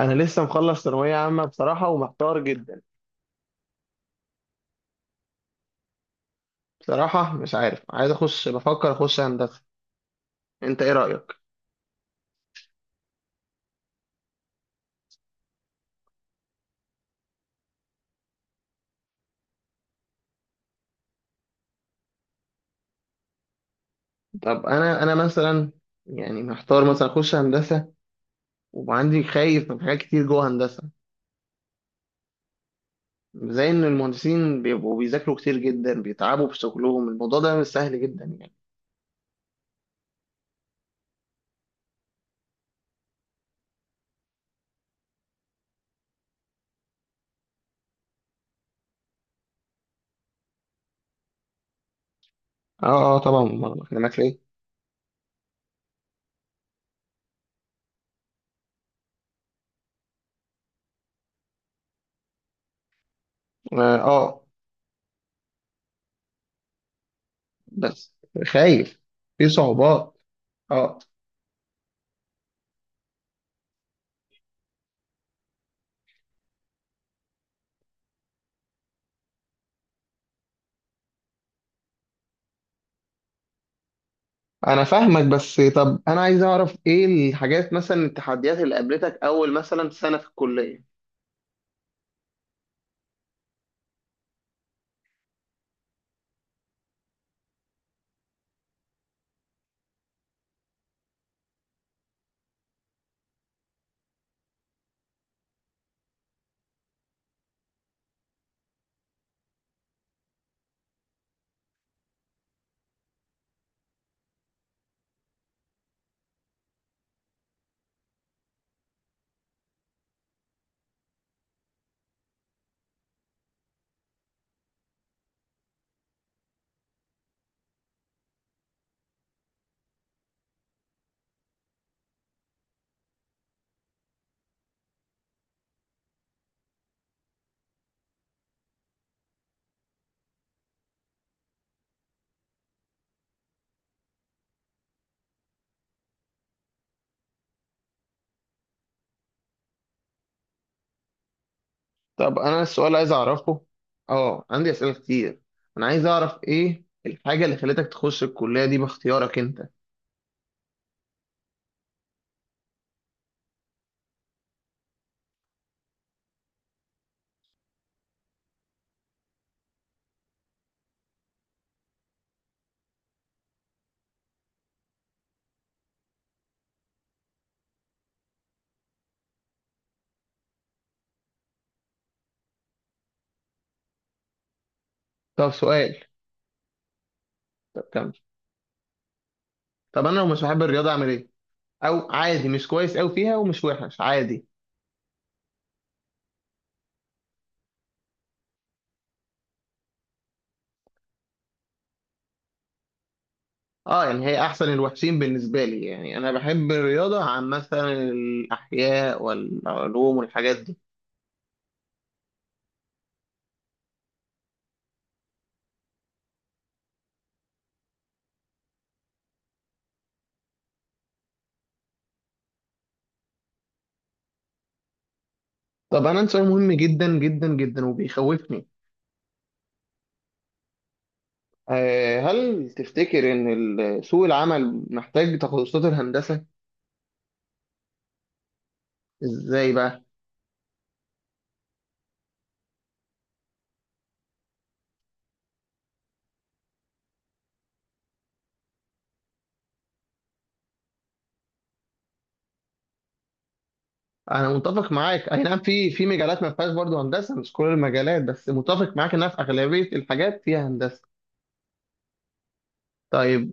انا لسه مخلص ثانويه عامه بصراحه ومحتار جدا. بصراحه مش عارف عايز اخش، بفكر اخش هندسه. انت ايه رايك؟ طب انا مثلا يعني محتار مثلا اخش هندسه، وعندي خايف من حاجات كتير جوه هندسه. زي ان المهندسين بيبقوا بيذاكروا كتير جدا، بيتعبوا في شغلهم، الموضوع ده مش سهل جدا يعني. اه اه طبعا، امال انا معاك ليه؟ اه بس خايف في صعوبات، اه. انا فاهمك، بس طب انا عايز اعرف ايه الحاجات مثلا، التحديات اللي قابلتك اول مثلا سنة في الكلية. طب انا السؤال عايز اعرفه، اه عندي اسئلة كتير. انا عايز اعرف ايه الحاجة اللي خلتك تخش الكلية دي باختيارك انت. طب سؤال. طب كمل. طب انا لو مش بحب الرياضة اعمل ايه؟ او عادي مش كويس اوي فيها ومش وحش عادي. اه يعني هي احسن الوحشين بالنسبة لي، يعني انا بحب الرياضة عن مثلا الاحياء والعلوم والحاجات دي. طب أنا عندي سؤال مهم جدا جدا جدا وبيخوفني. هل تفتكر إن سوق العمل محتاج تخصصات الهندسة؟ إزاي بقى؟ أنا متفق معاك، أي نعم، في مجالات ما فيهاش برضه هندسة، مش كل المجالات، بس متفق معاك إنها في أغلبية الحاجات فيها هندسة. طيب.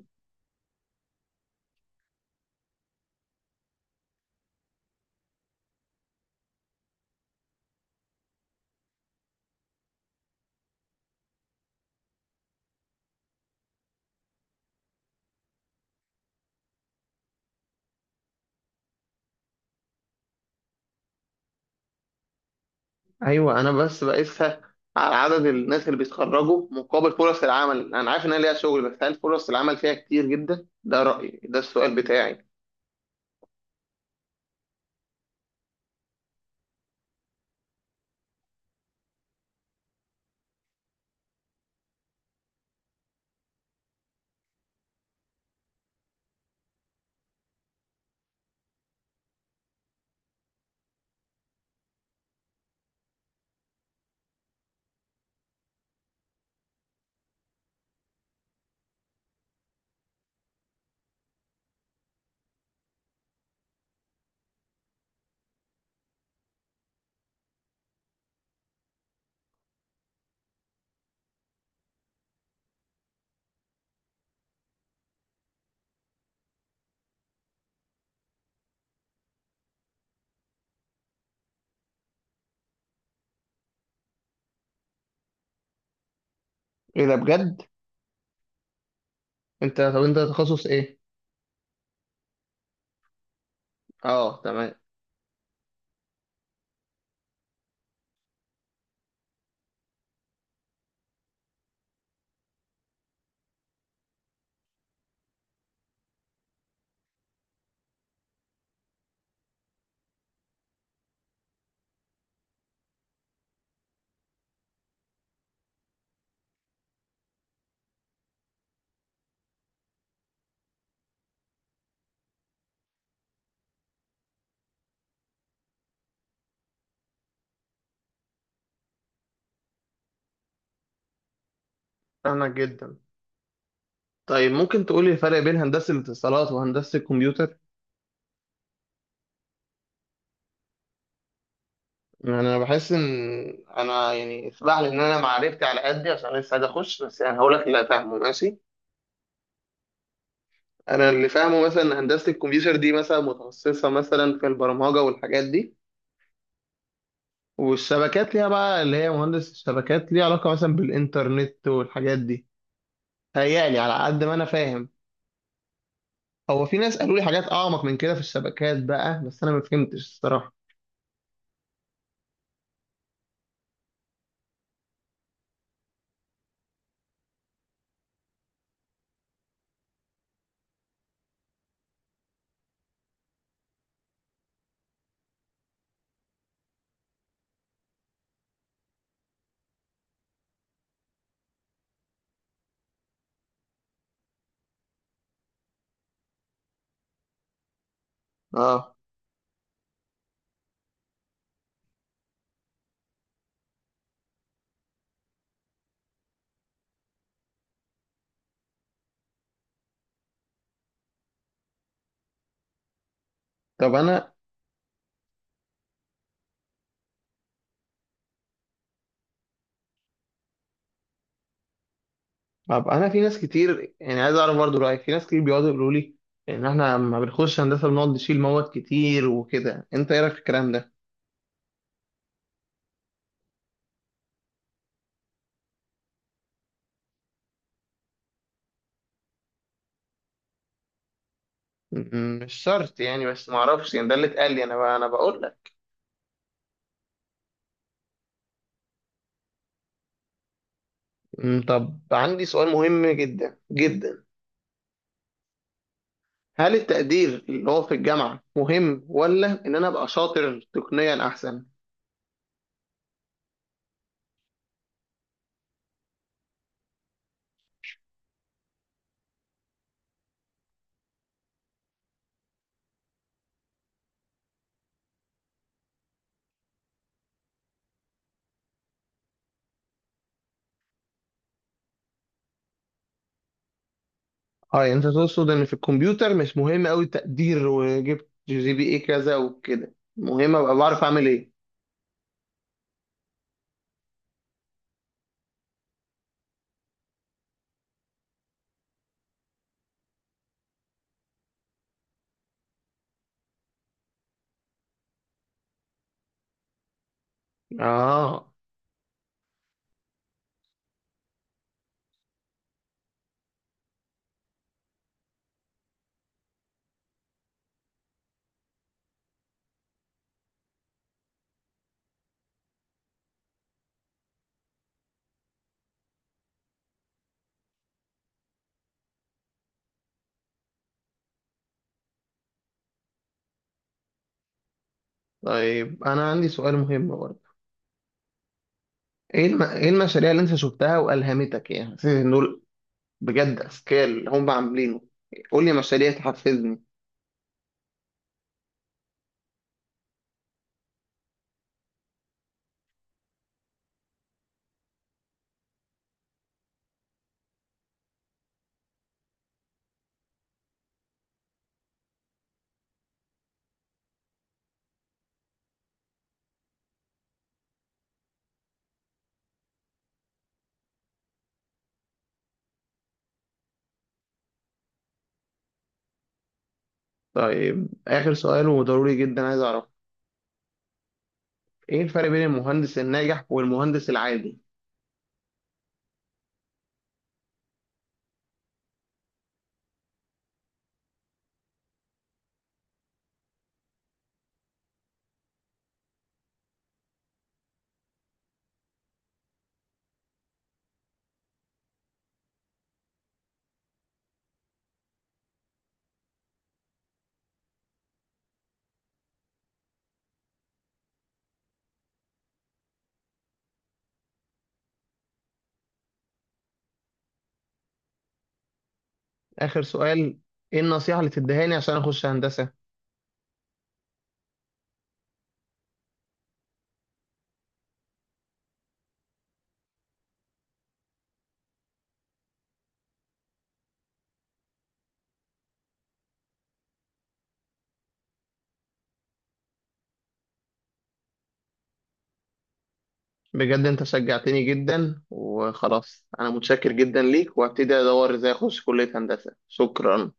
أيوه أنا بس بقيسها على عدد الناس اللي بيتخرجوا مقابل فرص العمل، أنا عارف إنها ليها شغل، بس هل فرص العمل فيها كتير جدا؟ ده رأيي، ده السؤال بتاعي. إيه ده بجد؟ أنت طب أنت تخصص إيه؟ اه تمام. فاهمك جدا. طيب ممكن تقولي الفرق بين هندسة الاتصالات وهندسة الكمبيوتر؟ يعني أنا بحس إن أنا، يعني اسمح لي، إن أنا معرفتي على قدي عشان لسه عايز أخش، بس يعني هقول لك اللي فاهمه، ماشي؟ أنا اللي فاهمه مثلا إن هندسة الكمبيوتر دي مثلا متخصصة مثلا في البرمجة والحاجات دي. والشبكات ليها بقى، اللي هي مهندس الشبكات، ليها علاقة مثلا بالإنترنت والحاجات دي. تهيألي على قد ما أنا فاهم. هو في ناس قالوا لي حاجات أعمق من كده في الشبكات بقى، بس أنا ما فهمتش الصراحة. اه. طب أنا طب انا في ناس كتير، يعني عايز اعرف برضو رايك، في ناس كتير بيقعدوا يقولوا لي ان احنا لما بنخش هندسه بنقعد نشيل مواد كتير وكده، انت ايه رايك في الكلام ده؟ مش شرط يعني، بس ما اعرفش، يعني ده اللي اتقال لي انا، بقى انا بقول لك. طب عندي سؤال مهم جدا جدا. هل التقدير اللي هو في الجامعه مهم، ولا ان انا ابقى شاطر تقنيا احسن؟ اه يعني انت تقصد ان في الكمبيوتر مش مهم قوي التقدير، وجبت GPA كذا وكده، مهم ابقى بعرف اعمل ايه؟ اه طيب انا عندي سؤال مهم برضه. ايه المشاريع اللي انت شفتها والهمتك، يعني حسيت ان دول بجد اذكياء اللي هم عاملينه. قول لي مشاريع تحفزني. طيب اخر سؤال وضروري جدا، عايز اعرف ايه الفرق بين المهندس الناجح والمهندس العادي. اخر سؤال. ايه النصيحة اللي تديها لي عشان اخش هندسة؟ بجد انت شجعتني جدا وخلاص، انا متشكر جدا ليك، وهبتدي ادور ازاي اخش كلية هندسة. شكرا.